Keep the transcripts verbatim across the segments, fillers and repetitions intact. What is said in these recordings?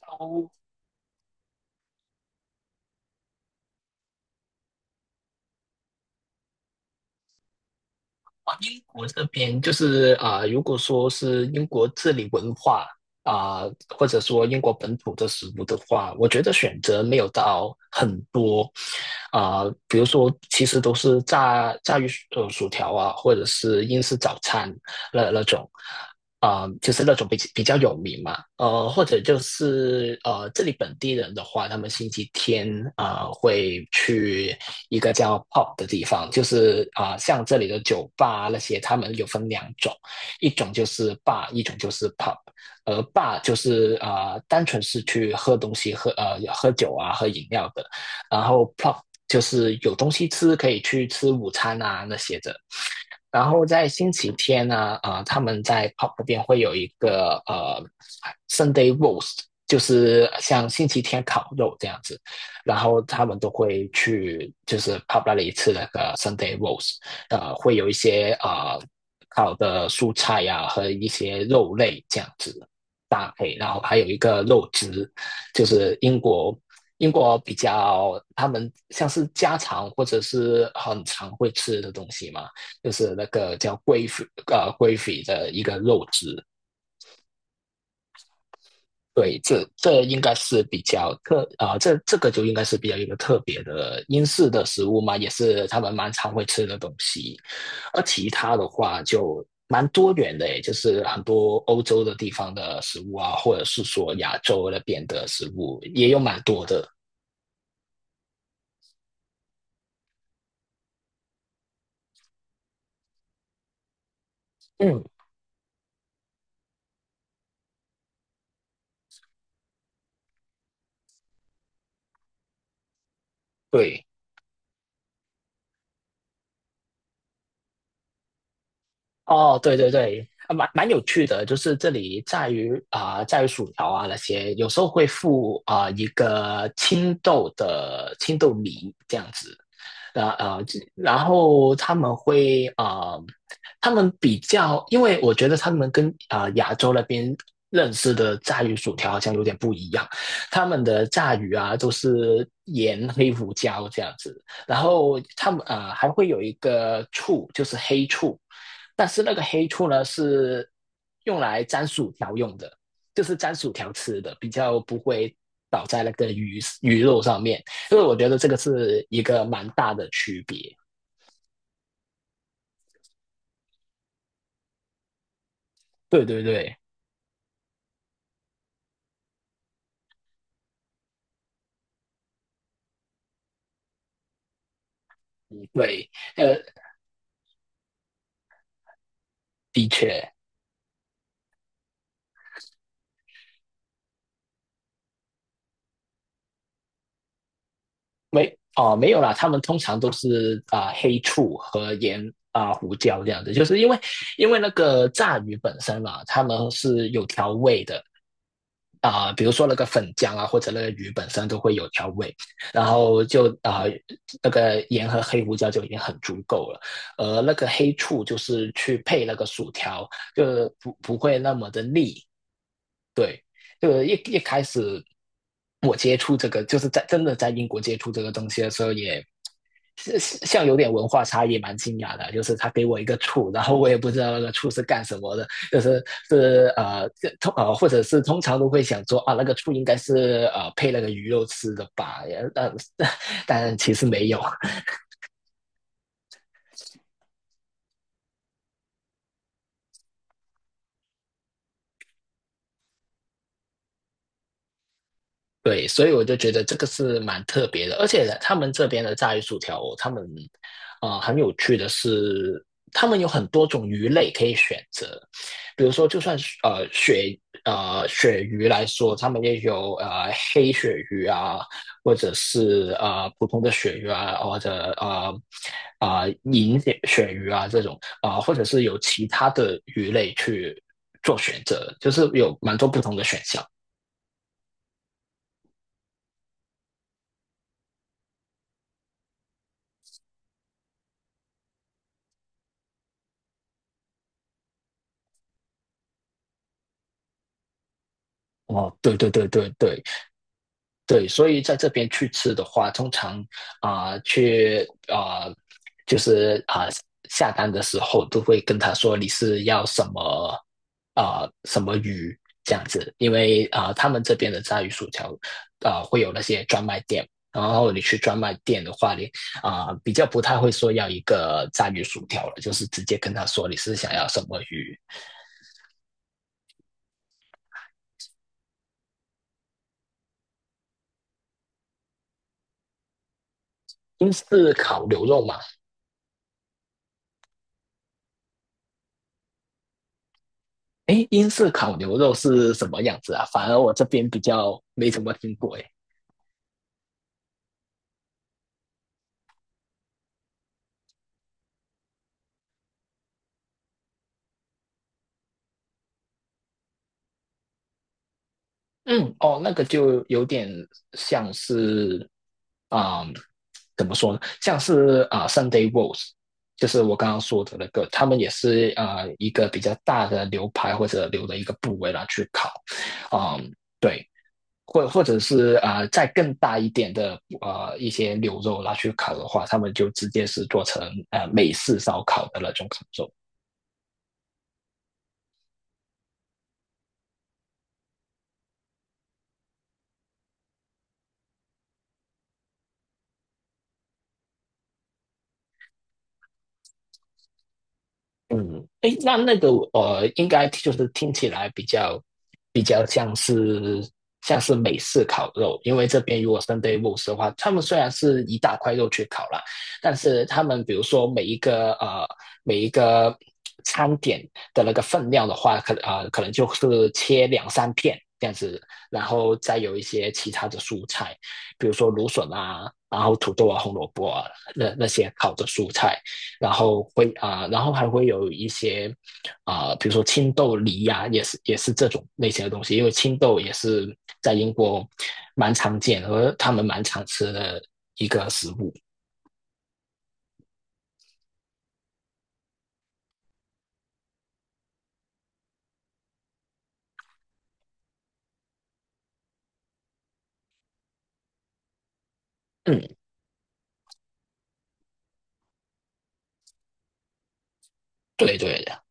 哦，啊英国这边就是啊、呃如果说是英国这里文化啊、或者说英国本土的食物的话，我觉得选择没有到很多啊、比如说其实都是炸炸鱼薯呃薯条啊，或者是英式早餐那那种。啊、呃就是那种比比较有名嘛，呃，或者就是呃，这里本地人的话，他们星期天啊、呃会去一个叫 p o p 的地方，就是啊、呃像这里的酒吧啊那些，他们有分两种，一种就是 bar，一种就是 p o p。 而 bar 就是啊、呃单纯是去喝东西、喝呃喝酒啊、喝饮料的，然后 p o p 就是有东西吃，可以去吃午餐啊那些的。然后在星期天呢，呃，他们在 pub 那边会有一个呃 Sunday roast，就是像星期天烤肉这样子，然后他们都会去就是 pub 那里吃那个 Sunday roast，呃，会有一些呃烤的蔬菜呀、啊和一些肉类这样子搭配，然后还有一个肉汁，就是英国。英国比较，他们像是家常或者是很常会吃的东西嘛，就是那个叫龟肺呃龟肺的一个肉质。对，这这应该是比较特啊、呃，这这个就应该是比较一个特别的英式的食物嘛，也是他们蛮常会吃的东西。而其他的话就蛮多元的，就是很多欧洲的地方的食物啊，或者是说亚洲那边的食物也有蛮多的。嗯，对。哦，对对对，啊蛮蛮有趣的，就是这里在于啊、呃在于薯条啊那些，有时候会附啊、呃一个青豆的青豆泥这样子。然呃，然后他们会啊、呃他们比较，因为我觉得他们跟啊、呃亚洲那边认识的炸鱼薯条好像有点不一样，他们的炸鱼啊都是盐、黑胡椒这样子，然后他们啊、呃还会有一个醋，就是黑醋，但是那个黑醋呢是用来沾薯条用的，就是沾薯条吃的，比较不会倒在那个鱼鱼肉上面。所以我觉得这个是一个蛮大的区别。对对对对，呃，的确。没哦，没有啦，他们通常都是啊、呃黑醋和盐啊、呃胡椒这样子，就是因为因为那个炸鱼本身啦，啊他们是有调味的。啊、呃比如说那个粉浆啊，或者那个鱼本身都会有调味，然后就啊、呃那个盐和黑胡椒就已经很足够了，而那个黑醋就是去配那个薯条，就不不会那么的腻，对，就一一开始我接触这个，就是在真的在英国接触这个东西的时候也，是是像有点文化差异，蛮惊讶的。就是他给我一个醋，然后我也不知道那个醋是干什么的，就是是呃这通呃，或者是通常都会想说啊，那个醋应该是呃配那个鱼肉吃的吧，也呃但 但其实没有。对，所以我就觉得这个是蛮特别的，而且呢他们这边的炸鱼薯条哦，他们啊呃很有趣的是，他们有很多种鱼类可以选择，比如说就算是呃鳕呃鳕鱼来说，他们也有呃黑鳕鱼啊，或者是呃普通的鳕鱼啊，或者呃啊、呃银鳕鱼啊这种啊、呃或者是有其他的鱼类去做选择，就是有蛮多不同的选项。哦，对对对对对，对，所以在这边去吃的话，通常啊、呃去啊、呃就是啊、呃下单的时候都会跟他说你是要什么啊、呃什么鱼这样子，因为啊、呃他们这边的炸鱼薯条啊、呃会有那些专卖店，然后你去专卖店的话，你啊、呃比较不太会说要一个炸鱼薯条了，就是直接跟他说你是想要什么鱼。英式烤牛肉嘛。哎，英式烤牛肉是什么样子啊？反而我这边比较没怎么听过。哎，嗯，哦，那个就有点像是，啊、怎么说呢？像是啊、Sunday roast，就是我刚刚说的那个，他们也是啊、一个比较大的牛排或者牛的一个部位拿去烤，啊、对，或或者是啊、再更大一点的啊、一些牛肉拿去烤的话，他们就直接是做成呃美式烧烤的那种烤肉。嗯，诶，那那个呃，应该就是听起来比较比较像是像是美式烤肉，因为这边如果 s 对 n d 的话，他们虽然是一大块肉去烤啦，但是他们比如说每一个呃每一个餐点的那个分量的话，可呃可能就是切两三片这样子，然后再有一些其他的蔬菜，比如说芦笋啊，然后土豆啊、红萝卜啊那那些烤的蔬菜。然后会啊、呃然后还会有一些啊、呃比如说青豆梨呀、也是也是这种类型的东西，因为青豆也是在英国蛮常见和他们蛮常吃的一个食物。嗯，对对的，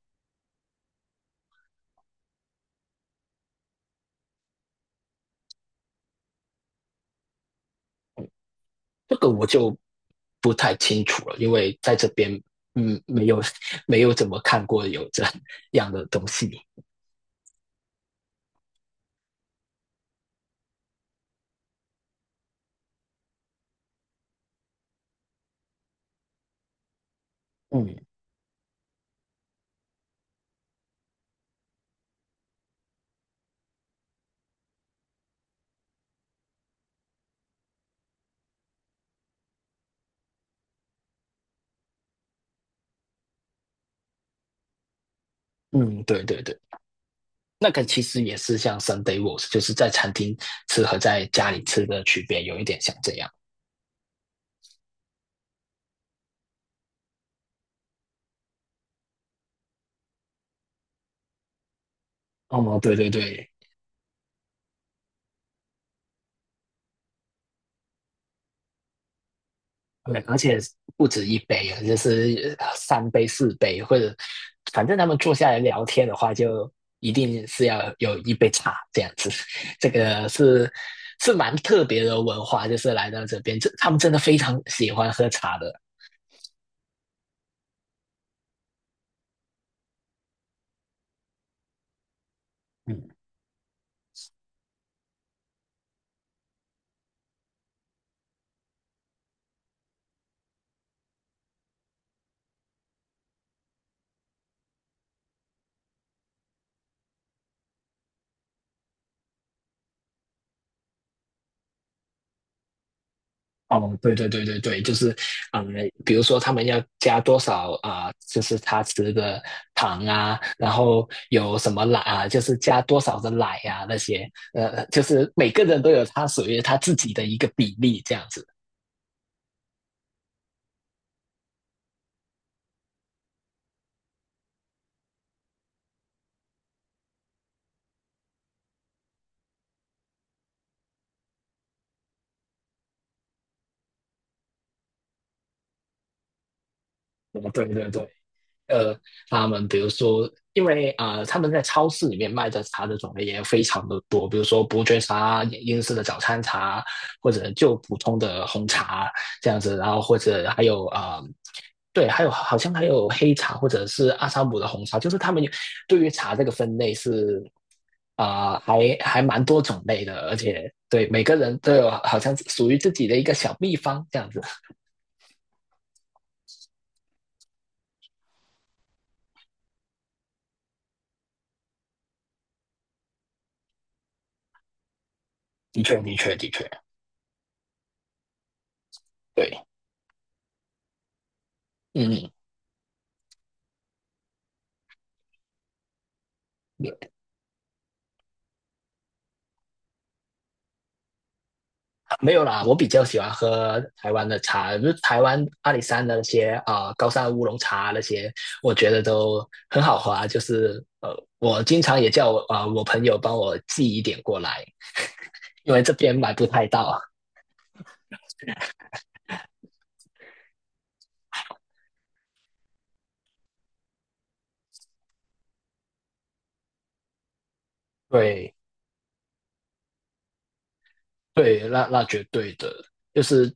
这个我就不太清楚了，因为在这边嗯没有没有怎么看过有这 样的东西。嗯嗯，对对对，那个其实也是像 Sunday roast，就是在餐厅吃和在家里吃的区别有一点像这样。哦，对对对对，而且不止一杯啊，就是三杯、四杯，或者反正他们坐下来聊天的话，就一定是要有一杯茶这样子。这个是是蛮特别的文化，就是来到这边，这他们真的非常喜欢喝茶的。嗯。哦，对对对对对，就是，嗯，比如说他们要加多少啊、就是他吃的糖啊，然后有什么奶啊，就是加多少的奶啊那些，呃，就是每个人都有他属于他自己的一个比例这样子。哦，对对对，呃，他们比如说，因为啊、呃他们在超市里面卖的茶的种类也非常的多，比如说伯爵茶、英式的早餐茶，或者就普通的红茶这样子，然后或者还有啊、呃对，还有好像还有黑茶或者是阿萨姆的红茶，就是他们有对于茶这个分类是啊、呃还还蛮多种类的，而且对每个人都有好像属于自己的一个小秘方这样子。的确，的确，的确，对，嗯，没有啦，我比较喜欢喝台湾的茶，就是台湾阿里山的那些啊、呃高山乌龙茶那些，我觉得都很好喝啊。就是呃，我经常也叫我啊、呃我朋友帮我寄一点过来，因为这边买不太到。对对，那那绝对的，就是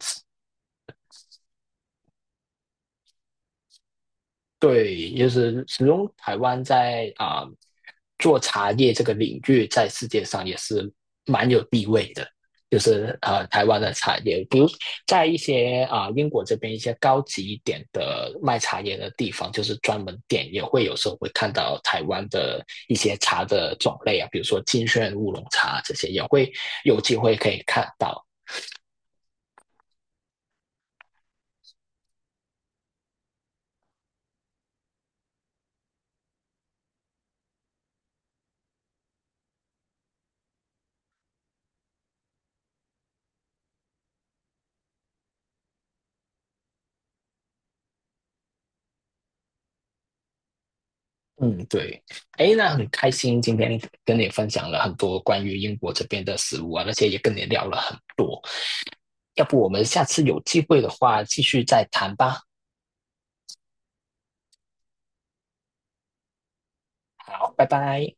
对，就是始终台湾在啊、做茶叶这个领域，在世界上也是蛮有地位的。就是呃，台湾的茶叶，比如在一些啊、英国这边一些高级一点的卖茶叶的地方，就是专门店也会有时候会看到台湾的一些茶的种类啊，比如说金萱乌龙茶这些也会有机会可以看到。嗯，对，哎，那很开心今天跟你分享了很多关于英国这边的食物啊，而且也跟你聊了很多。要不我们下次有机会的话，继续再谈吧。好，拜拜。